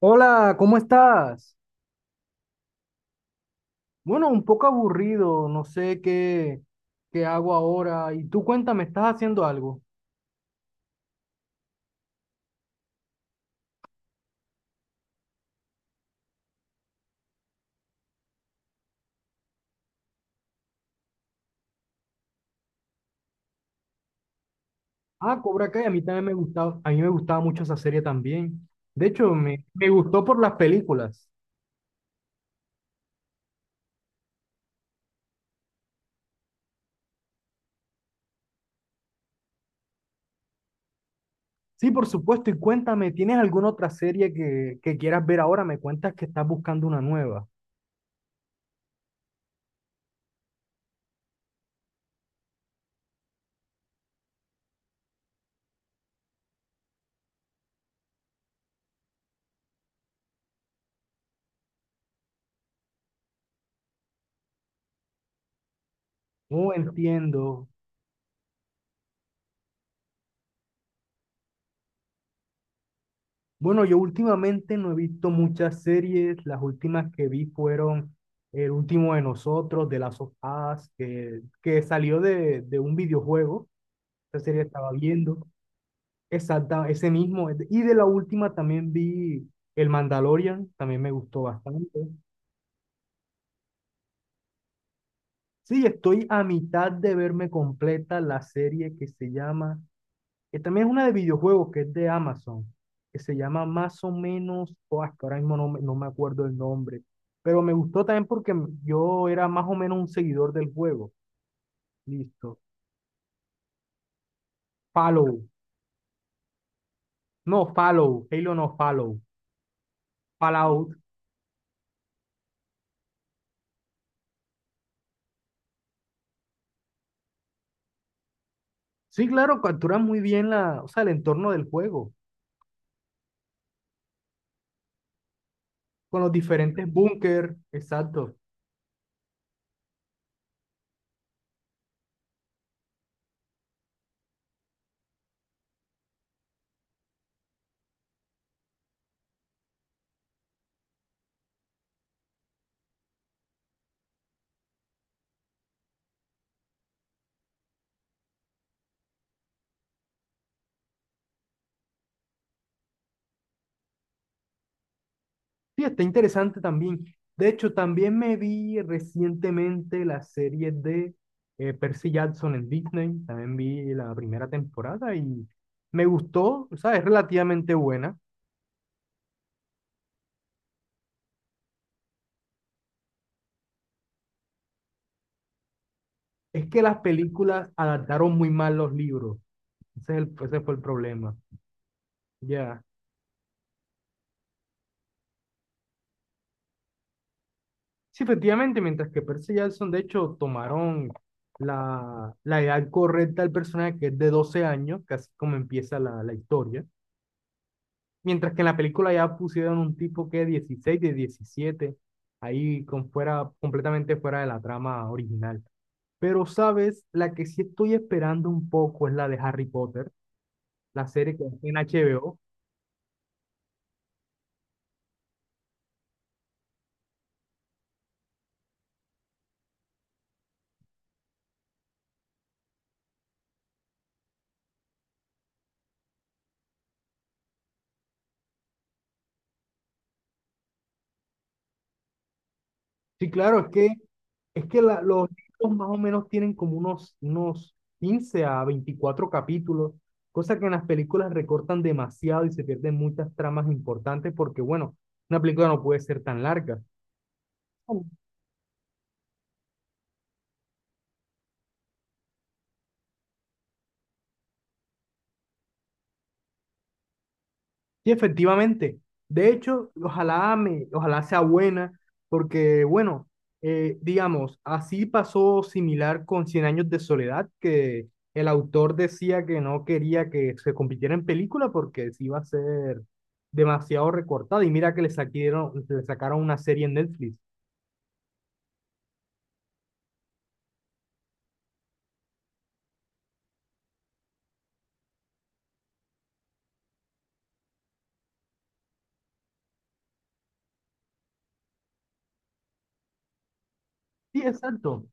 Hola, ¿cómo estás? Bueno, un poco aburrido, no sé qué hago ahora. Y tú cuéntame, ¿estás haciendo algo? Ah, Cobra Kai, a mí también me gustaba, a mí me gustaba mucho esa serie también. De hecho, me gustó por las películas. Sí, por supuesto. Y cuéntame, ¿tienes alguna otra serie que quieras ver ahora? Me cuentas que estás buscando una nueva. No entiendo. Bueno, yo últimamente no he visto muchas series. Las últimas que vi fueron El último de nosotros, de Last of Us, que salió de un videojuego. Esa serie estaba viendo. Exacta, ese mismo. Y de la última también vi El Mandalorian, también me gustó bastante. Sí, estoy a mitad de verme completa la serie que se llama que también es una de videojuegos que es de Amazon, que se llama más o menos, oh, es que ahora mismo no, no me acuerdo el nombre, pero me gustó también porque yo era más o menos un seguidor del juego. Listo. Follow. No, follow. Halo no, follow. Fallout. Sí, claro, captura muy bien la, o sea, el entorno del juego, con los diferentes búnker, exacto. Sí, está interesante también. De hecho, también me vi recientemente la serie de Percy Jackson en Disney. También vi la primera temporada y me gustó, o sea, es relativamente buena. Es que las películas adaptaron muy mal los libros. Ese fue el problema. Ya. Sí, efectivamente, mientras que Percy Jackson, de hecho, tomaron la edad correcta del personaje, que es de 12 años, casi como empieza la historia. Mientras que en la película ya pusieron un tipo que 16 de 17 ahí con fuera, completamente fuera de la trama original. Pero, ¿sabes? La que sí estoy esperando un poco es la de Harry Potter, la serie que está en HBO. Sí, claro, es que los libros más o menos tienen como unos 15 a 24 capítulos, cosa que en las películas recortan demasiado y se pierden muchas tramas importantes porque, bueno, una película no puede ser tan larga. Y efectivamente, de hecho, ojalá sea buena, porque bueno, digamos, así pasó similar con Cien años de soledad, que el autor decía que no quería que se convirtiera en película porque se iba a ser demasiado recortada. Y mira que le sacaron una serie en Netflix. Sí, exacto.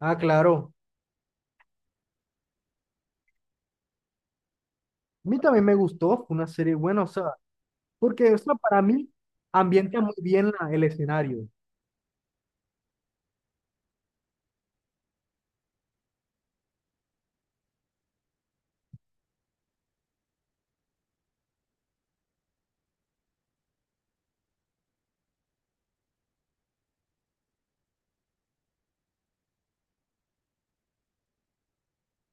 Ah, claro. A mí también me gustó, fue una serie buena, o sea, porque o sea, para mí ambienta muy bien el escenario.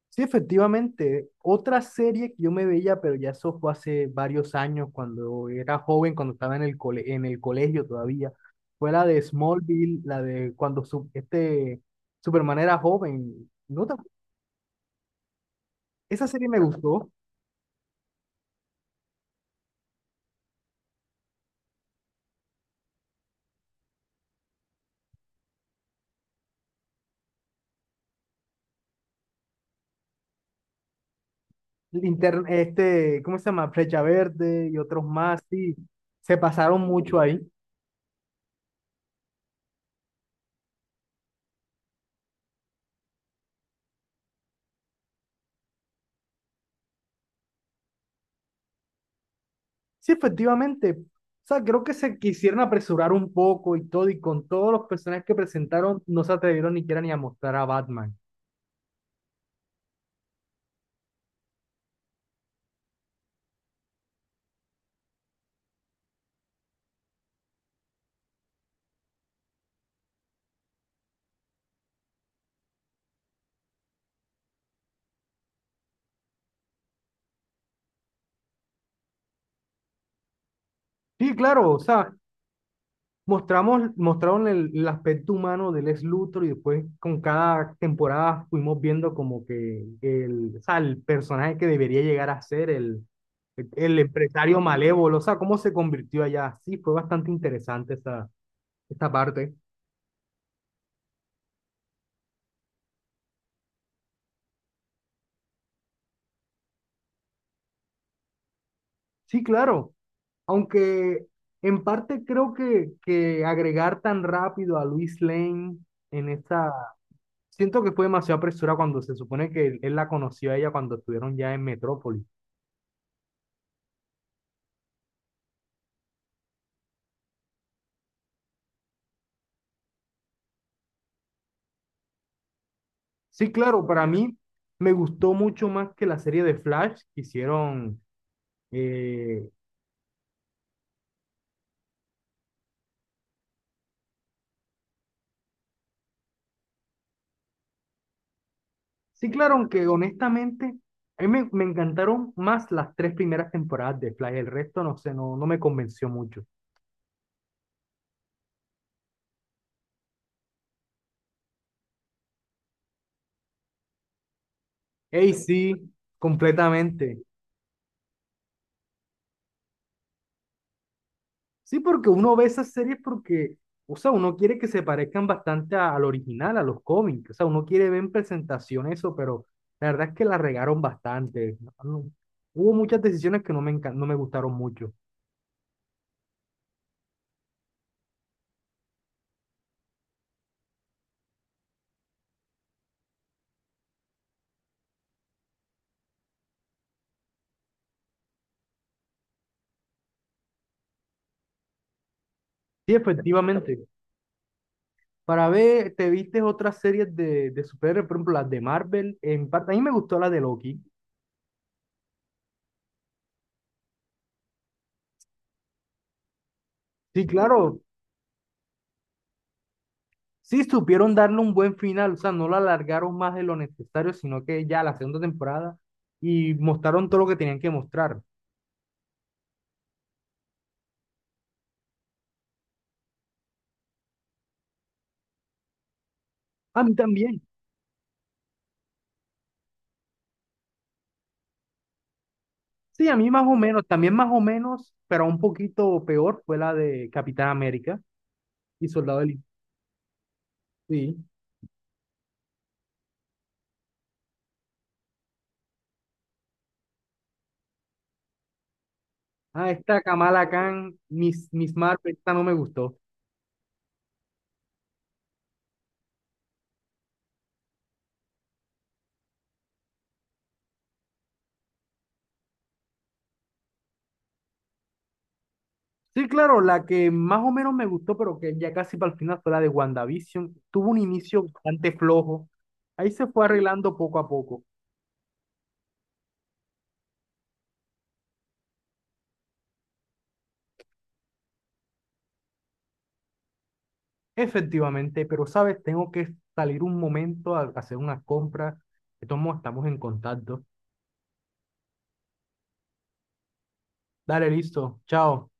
Sí, efectivamente. Otra serie que yo me veía, pero ya eso fue hace varios años, cuando era joven, cuando estaba en el colegio todavía, fue la de Smallville, la de cuando Superman era joven. ¿No te- Esa serie me gustó. Linter- este, ¿Cómo se llama? Flecha Verde y otros más, sí. Se pasaron mucho ahí. Sí, efectivamente. O sea, creo que se quisieron apresurar un poco y todo, y con todos los personajes que presentaron, no se atrevieron ni siquiera ni a mostrar a Batman. Sí, claro, o sea, mostraron el aspecto humano del ex Luthor y después con cada temporada fuimos viendo como que el, o sea, el personaje que debería llegar a ser el, empresario malévolo, o sea, cómo se convirtió allá. Sí, fue bastante interesante esta parte. Sí, claro, aunque en parte creo que agregar tan rápido a Luis Lane en esta. Siento que fue demasiado apresurado cuando se supone que él la conoció a ella cuando estuvieron ya en Metrópolis. Sí, claro, para mí me gustó mucho más que la serie de Flash que hicieron. eh, Sí, claro, aunque honestamente a mí me encantaron más las tres primeras temporadas de Flash, el resto no sé, no, no me convenció mucho. Ey, sí, completamente. Sí, porque uno ve esas series porque, o sea, uno quiere que se parezcan bastante al original, a los cómics, o sea, uno quiere ver en presentación eso, pero la verdad es que la regaron bastante. Hubo muchas decisiones que no me gustaron mucho. Sí, efectivamente. Para ver, te viste otras series de superhéroes, por ejemplo, las de Marvel. En parte, a mí me gustó la de Loki. Sí, claro. Sí, supieron darle un buen final, o sea, no la alargaron más de lo necesario, sino que ya la segunda temporada y mostraron todo lo que tenían que mostrar. A mí también. Sí, a mí más o menos, también más o menos, pero un poquito peor fue la de Capitán América y Soldado del... Sí. Ah, esta Kamala Khan, Miss Marvel, esta no me gustó. Sí, claro, la que más o menos me gustó, pero que ya casi para el final fue la de WandaVision. Tuvo un inicio bastante flojo. Ahí se fue arreglando poco a poco. Efectivamente, pero sabes, tengo que salir un momento a hacer unas compras. De todos modos, estamos en contacto. Dale, listo. Chao.